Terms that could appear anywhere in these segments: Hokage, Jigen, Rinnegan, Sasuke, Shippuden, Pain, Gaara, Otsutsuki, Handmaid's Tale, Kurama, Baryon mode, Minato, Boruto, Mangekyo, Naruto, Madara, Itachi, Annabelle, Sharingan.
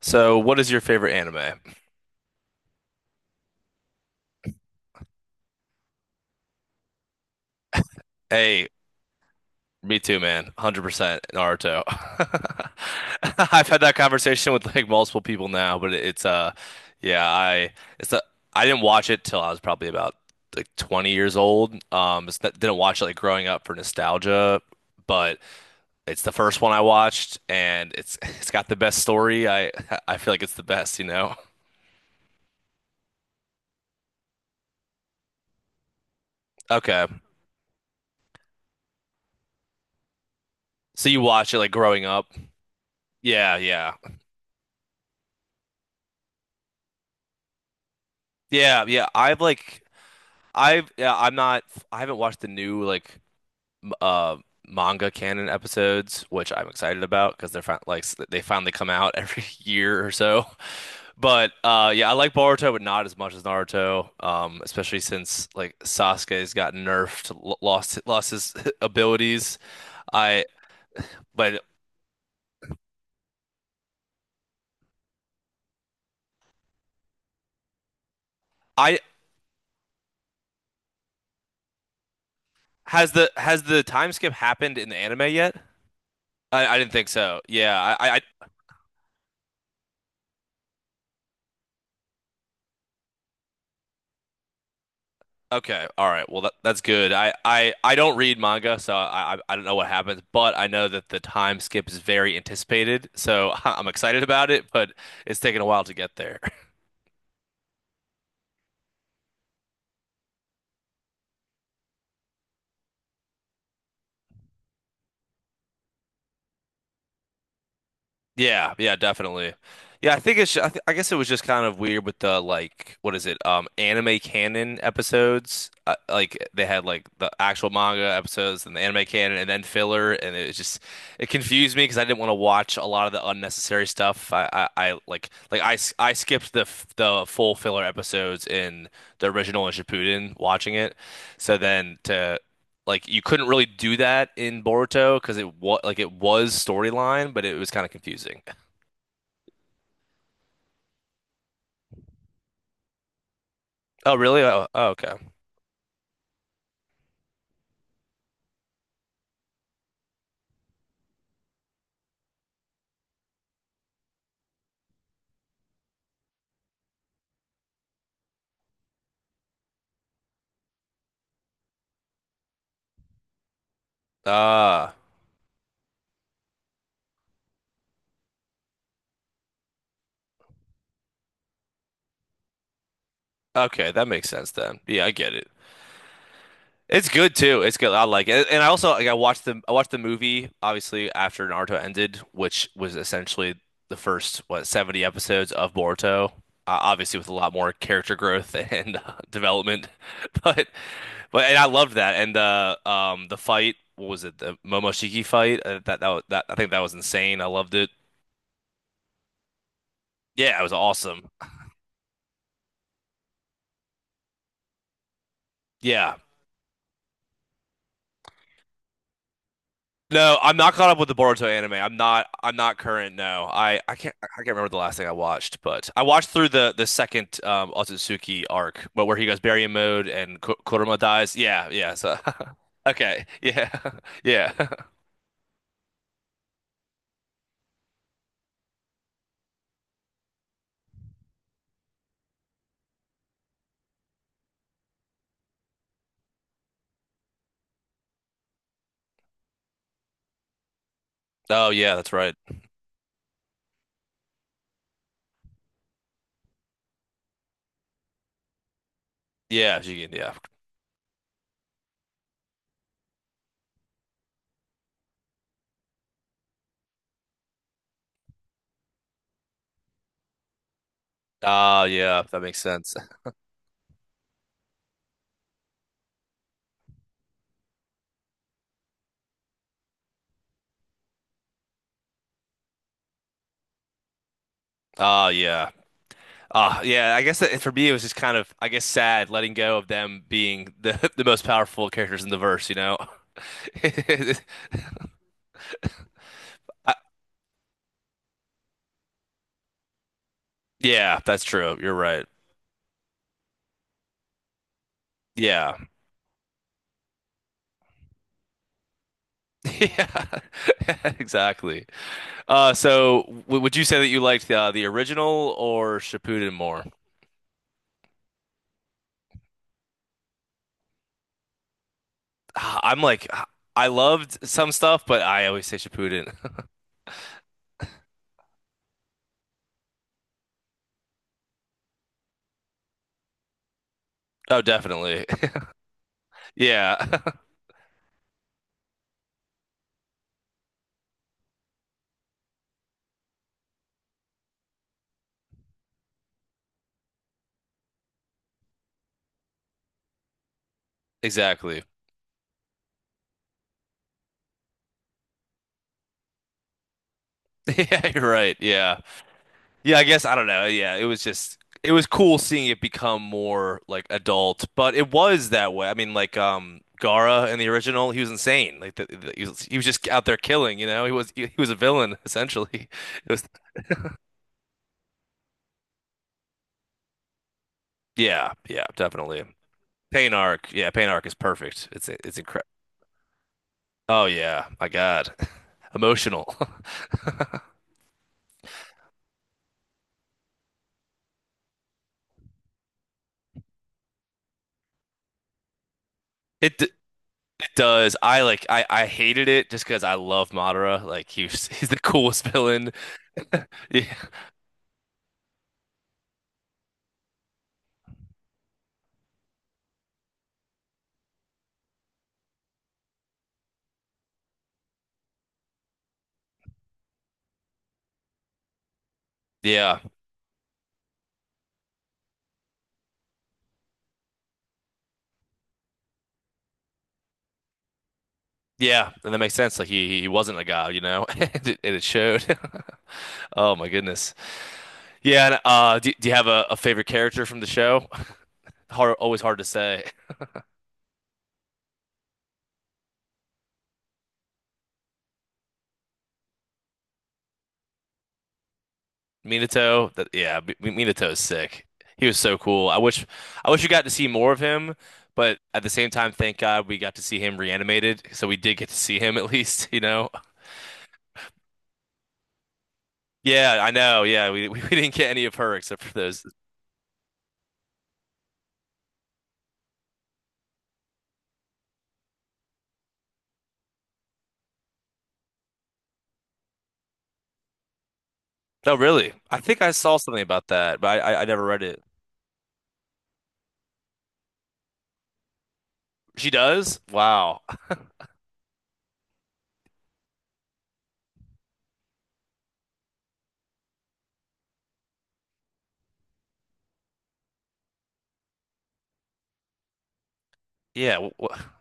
So, what is your favorite anime? Hey, me too, man. 100% Naruto. I've had that conversation with like multiple people now, but it's yeah, I it's a, I didn't watch it till I was probably about like 20 years old. It's not, didn't watch it like growing up for nostalgia, but it's the first one I watched and it's it's got the best story. I feel like it's the best. Okay. So you watch it like growing up? Yeah, yeah. Yeah, yeah. I've like I've yeah, I'm not I haven't watched the new like m- uh manga canon episodes, which I'm excited about because they finally come out every year or so. But yeah, I like Boruto, but not as much as Naruto. Especially since like Sasuke's got nerfed, l lost lost his abilities. I but I has the time skip happened in the anime yet? I didn't think so. Yeah, I Okay, all right. Well, that's good. I don't read manga, so I don't know what happens, but I know that the time skip is very anticipated, so I'm excited about it, but it's taken a while to get there. Yeah, yeah, definitely. Yeah, I think it's. I, th I guess it was just kind of weird with the like, what is it? Anime canon episodes. Like they had like the actual manga episodes and the anime canon, and then filler, and it was just it confused me because I didn't want to watch a lot of the unnecessary stuff. I like I, s- I skipped the full filler episodes in the original and Shippuden watching it, so then to like you couldn't really do that in Boruto because it was like it was storyline, but it was kind of confusing. Oh, really? Oh, oh, okay. Ah, okay, that makes sense then. Yeah, I get it. It's good too. It's good. I like it. And I also like I watched the movie obviously after Naruto ended, which was essentially the first what 70 episodes of Boruto. Obviously with a lot more character growth and development. But but and I loved that. And the the fight, what was it? The Momoshiki fight? That that was- that I think that was insane. I loved it. Yeah, it was awesome. Yeah. No, I'm not caught up with the Boruto anime. I'm not. I'm not current. No, I can't. I can't remember the last thing I watched, but I watched through the second Otsutsuki arc, but where he goes Baryon mode and Kurama dies. Yeah, yeah. So, okay, yeah, yeah. Oh yeah, that's right. Yeah, Jigen. Yeah. Oh yeah, that makes sense. Oh yeah. Yeah, I guess that for me it was just kind of, I guess, sad letting go of them being the the most powerful characters in the verse, you know? I, Yeah, that's true. You're right. Yeah. Yeah. Exactly. So w would you say that you liked the original or Shippuden more? Ah, I'm like ah, I loved some stuff, but I always say Shippuden. Oh, definitely. Yeah. Exactly. Yeah, you're right. Yeah. Yeah, I guess I don't know. Yeah, it was just it was cool seeing it become more like adult, but it was that way. I mean, like Gaara in the original, he was insane. He was just out there killing, you know. He was a villain essentially. It was yeah, yeah, definitely. Pain arc, yeah, Pain arc is perfect. It's incredible. Oh yeah, my God, emotional. It, d it does. I like. I hated it just because I love Madara. Like he was, he's the coolest villain. Yeah, yeah. Yeah, and that makes sense. Like he wasn't a guy, you know, and and it showed. Oh my goodness. Yeah, and do you have a favorite character from the show? Hard, always hard to say. Minato, that yeah, Minato is sick. He was so cool. I wish we got to see more of him, but at the same time, thank God we got to see him reanimated, so we did get to see him at least, you know. Yeah, I know. Yeah, we didn't get any of her except for those. No, really. I think I saw something about that, but I never read it. She does? Wow. Yeah, w w-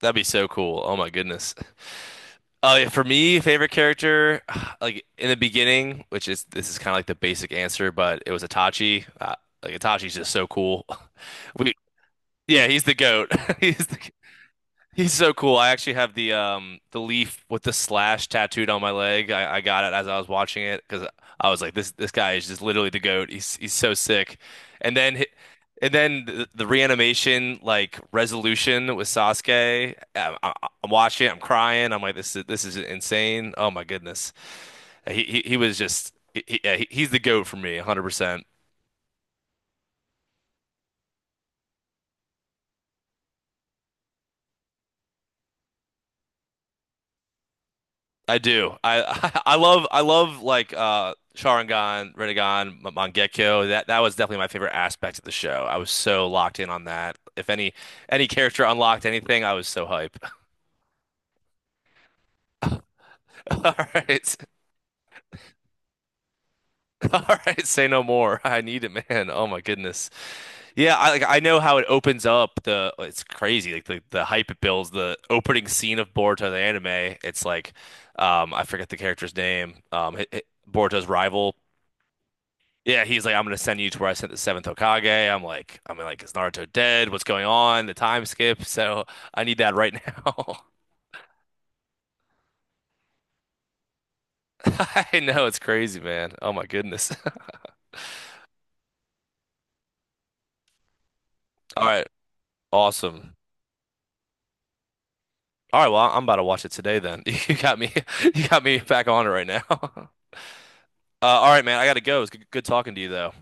That'd be so cool. Oh my goodness. Yeah, for me, favorite character, like in the beginning, which is this is kind of like the basic answer, but it was Itachi. Like Itachi's just so cool. We, yeah, he's the goat. He's the. He's so cool. I actually have the the leaf with the slash tattooed on my leg. I got it as I was watching it because I was like, this guy is just literally the goat. He's so sick. And then hi- and then the reanimation like resolution with Sasuke. I'm watching it. I'm crying. I'm like, this is insane. Oh my goodness. He was just he, yeah, he- he's the goat for me, 100%. I do. I I love like Sharingan, Rinnegan, Mangekyo. That that was definitely my favorite aspect of the show. I was so locked in on that. If any any character unlocked anything, I was so hype. All right. All right, say no more. I need it, man. Oh my goodness. Yeah, I like I know how it opens up the it's crazy like the hype it builds the opening scene of Boruto the anime. It's like I forget the character's name. Boruto's rival. Yeah, he's like, I'm gonna send you to where I sent the seventh Hokage. I'm like, is Naruto dead? What's going on? The time skip. So I need that right now. I know it's crazy, man. Oh my goodness. All right, awesome. All right, well, I'm about to watch it today then. You got me, you got me back on it right now. All right, man, I gotta go. It's good, good talking to you though.